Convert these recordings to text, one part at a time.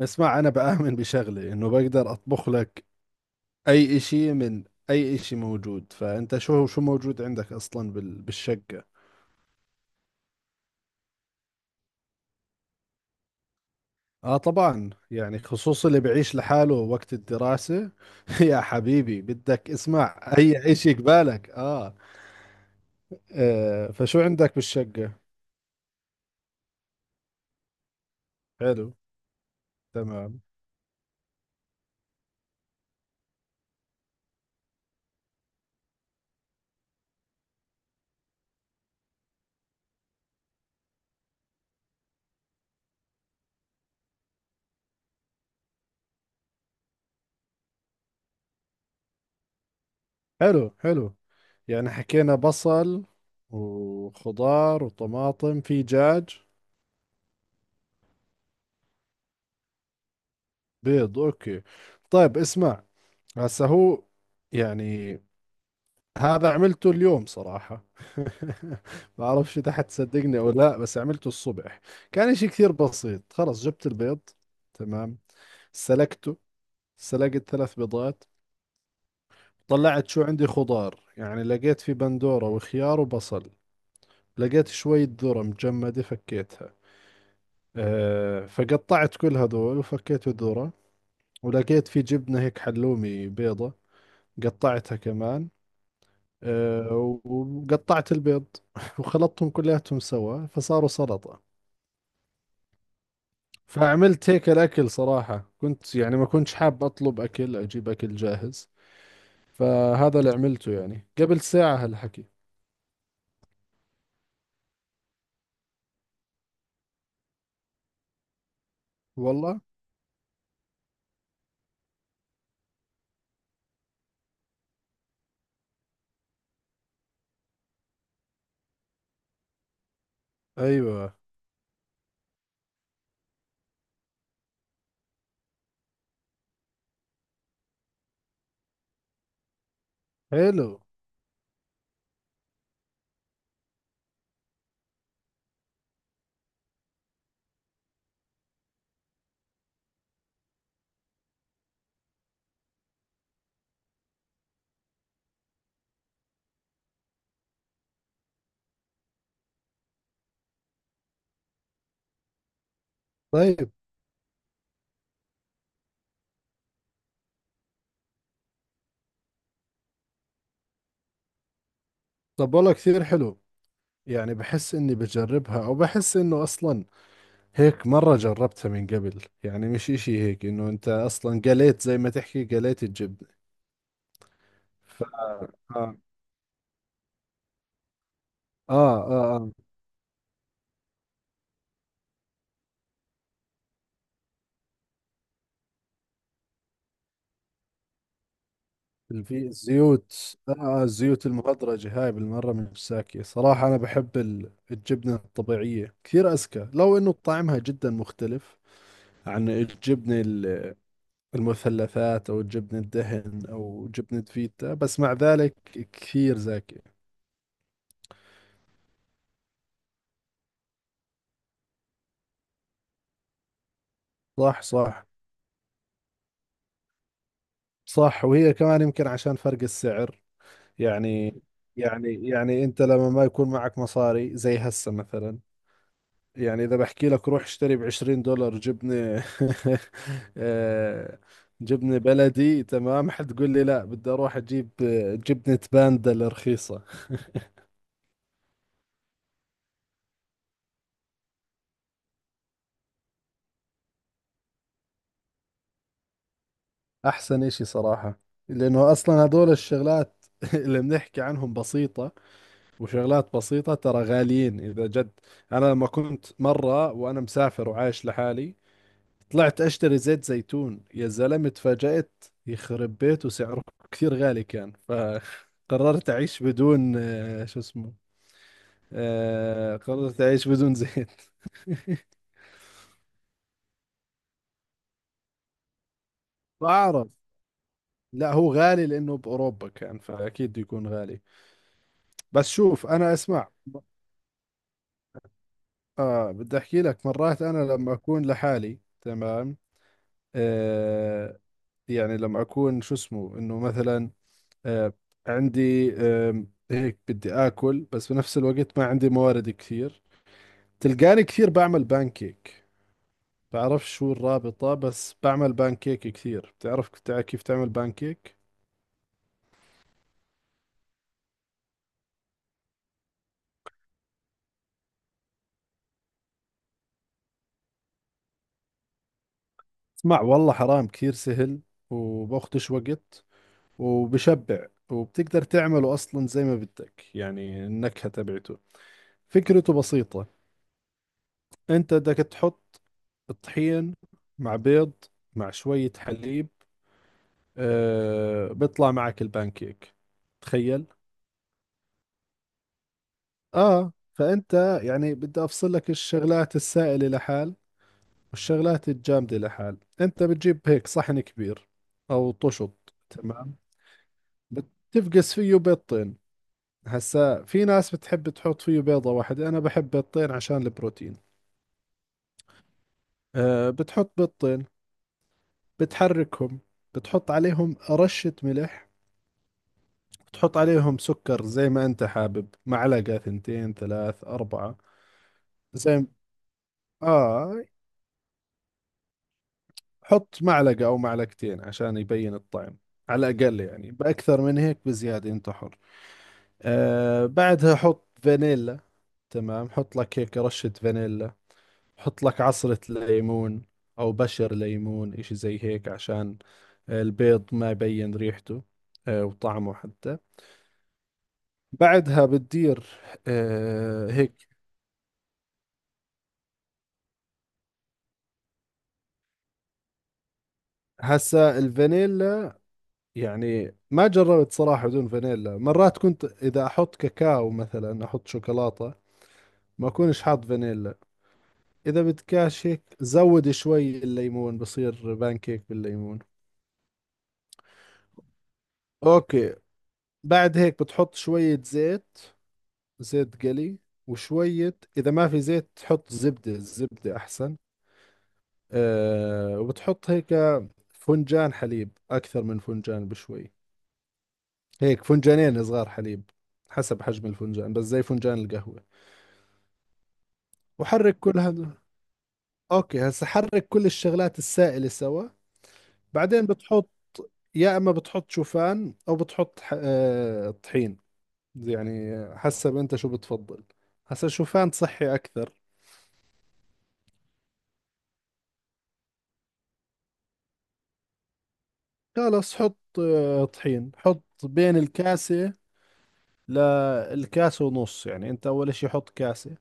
اسمع، انا بآمن بشغلة انه بقدر اطبخ لك اي اشي من اي اشي موجود. فانت شو موجود عندك اصلا بالشقة. اه، طبعا يعني خصوصا اللي بعيش لحاله وقت الدراسة. يا حبيبي، بدك اسمع اي اشي قبالك. آه. اه، فشو عندك بالشقة؟ حلو. تمام. حلو، حلو. يعني حكينا بصل وخضار وطماطم. في دجاج؟ بيض، اوكي. طيب اسمع، هسه هو يعني هذا عملته اليوم صراحة. ما اعرفش اذا حتصدقني او لا، بس عملته الصبح. كان اشي كثير بسيط. خلص، جبت البيض، تمام، سلقته. سلقت 3 بيضات. طلعت شو عندي خضار، يعني لقيت في بندورة وخيار وبصل. لقيت شوية ذرة مجمدة فكيتها. فقطعت كل هذول وفكيت الذرة. ولقيت في جبنة هيك حلومي بيضة، قطعتها كمان. وقطعت البيض. وخلطتهم كلياتهم سوا، فصاروا سلطة. فعملت هيك الأكل صراحة. كنت يعني ما كنتش حاب أطلب أكل، أجيب أكل جاهز. فهذا اللي عملته يعني قبل ساعة هالحكي. والله. أيوة. حلو. طيب. طب، والله كثير حلو. يعني بحس إني بجربها، أو بحس إنه أصلا هيك مرة جربتها من قبل. يعني مش إشي هيك، إنه أنت أصلا قليت، زي ما تحكي، قليت الجبنة. آه. آه. آه. آه. الفي الزيوت آه الزيوت المهدرجة هاي بالمرة مش ساكية صراحة. أنا بحب الجبنة الطبيعية كثير أزكى، لو إنه طعمها جدا مختلف عن الجبنة المثلثات، أو الجبنة الدهن، أو جبنة فيتا. بس مع ذلك كثير زاكية. صح. صح. صح. وهي كمان يمكن عشان فرق السعر. يعني يعني أنت لما ما يكون معك مصاري زي هسه مثلا. يعني إذا بحكي لك روح اشتري 20 دولار جبنة، آه، جبنة بلدي، تمام، حتقول لي لا، بدي أروح أجيب جبنة باندا الرخيصة. أحسن إشي صراحة، لأنه أصلا هدول الشغلات اللي بنحكي عنهم بسيطة. وشغلات بسيطة ترى غاليين إذا جد. أنا لما كنت مرة وأنا مسافر وعايش لحالي، طلعت اشتري زيت زيتون، يا زلمة، اتفاجأت يخرب بيته سعره كثير غالي كان. فقررت اعيش بدون، شو اسمه، قررت اعيش بدون زيت. بعرف. لا، هو غالي لانه باوروبا كان، فاكيد بده يكون غالي. بس شوف، انا اسمع. اه بدي احكي لك، مرات انا لما اكون لحالي تمام. آه يعني لما اكون شو اسمه انه مثلا، آه، عندي هيك بدي آكل، بس بنفس الوقت ما عندي موارد كثير. تلقاني كثير بعمل بانكيك. بعرف شو الرابطة، بس بعمل بانكيك كثير. بتعرف كيف تعمل بانكيك؟ اسمع، والله حرام كثير سهل، وباخدش وقت، وبشبع، وبتقدر تعمله أصلا زي ما بدك، يعني النكهة تبعته. فكرته بسيطة. أنت بدك تحط الطحين، مع بيض، مع شوية حليب. بيطلع معك البانكيك. تخيل. اه فانت يعني بدي افصل لك الشغلات السائلة لحال، والشغلات الجامدة لحال. انت بتجيب هيك صحن كبير او طشط، تمام. بتفقس فيه بيضتين. هسا في ناس بتحب تحط فيه بيضة واحدة، انا بحب بيضتين عشان البروتين. بتحط بيضتين، بتحركهم، بتحط عليهم رشة ملح، بتحط عليهم سكر زي ما انت حابب، معلقة، ثنتين، ثلاث، اربعة. زي آه حط معلقة أو معلقتين عشان يبين الطعم على الأقل يعني، بأكثر من هيك بزيادة أنت حر. بعدها حط فانيلا. تمام، حط لك هيك رشة فانيلا. حط لك عصرة ليمون، أو بشر ليمون، إشي زي هيك عشان البيض ما يبين ريحته وطعمه حتى. بعدها بتدير هيك. هسا الفانيلا، يعني ما جربت صراحة بدون فانيلا. مرات كنت إذا أحط كاكاو مثلا، أحط شوكولاتة، ما أكونش حاط فانيلا. إذا بدكاش هيك زود شوي الليمون، بصير بانكيك بالليمون. أوكي. بعد هيك بتحط شوية زيت، زيت قلي، وشوية إذا ما في زيت تحط زبدة، الزبدة أحسن. وبتحط هيك فنجان حليب، أكثر من فنجان بشوي، هيك فنجانين صغار حليب، حسب حجم الفنجان، بس زي فنجان القهوة. وحرك كل هذا. اوكي، هسه حرك كل الشغلات السائلة سوا. بعدين بتحط، يا اما بتحط شوفان او بتحط طحين، يعني حسب انت شو بتفضل. هسه شوفان صحي اكثر. خلص حط طحين، حط بين الكاسة للكاسة ونص، يعني انت اول شي حط كاسة،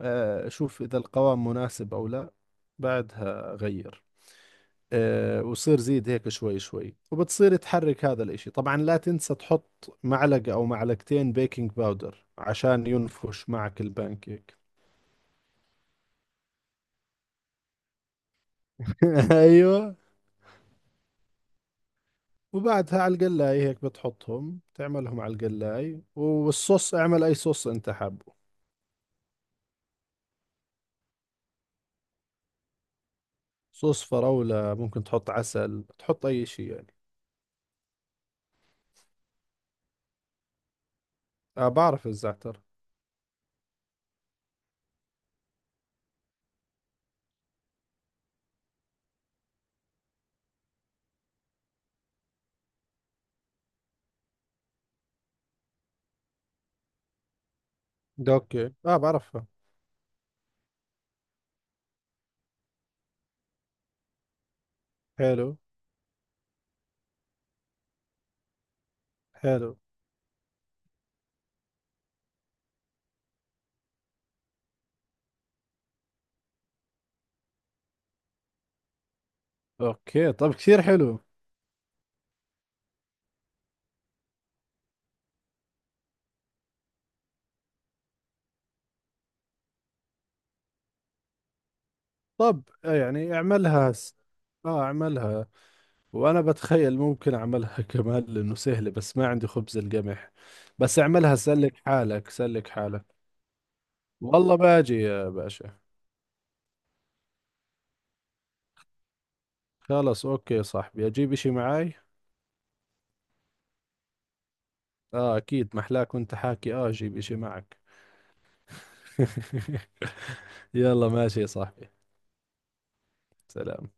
شوف اذا القوام مناسب او لا، بعدها غير، وصير زيد هيك شوي شوي وبتصير تحرك هذا الاشي. طبعا لا تنسى تحط معلقة او معلقتين بيكنج باودر عشان ينفش معك البانكيك. ايوه. وبعدها على القلاية هيك بتحطهم، تعملهم على القلاية، والصوص اعمل اي صوص انت حابه. صوص فراولة ممكن، تحط عسل، تحط اي شيء يعني. اه، بعرف الزعتر. ده اوكي، اه بعرفها. حلو. حلو. اوكي، طب كثير حلو. طب، يعني اه اعملها، وانا بتخيل ممكن اعملها كمان لانه سهله، بس ما عندي خبز القمح. بس اعملها، سلك حالك، سلك حالك. والله باجي يا باشا. خلص اوكي يا صاحبي، اجيب اشي معاي. اه اكيد، محلاك وانت حاكي، اجيب اشي معك. يلا ماشي يا صاحبي. سلام.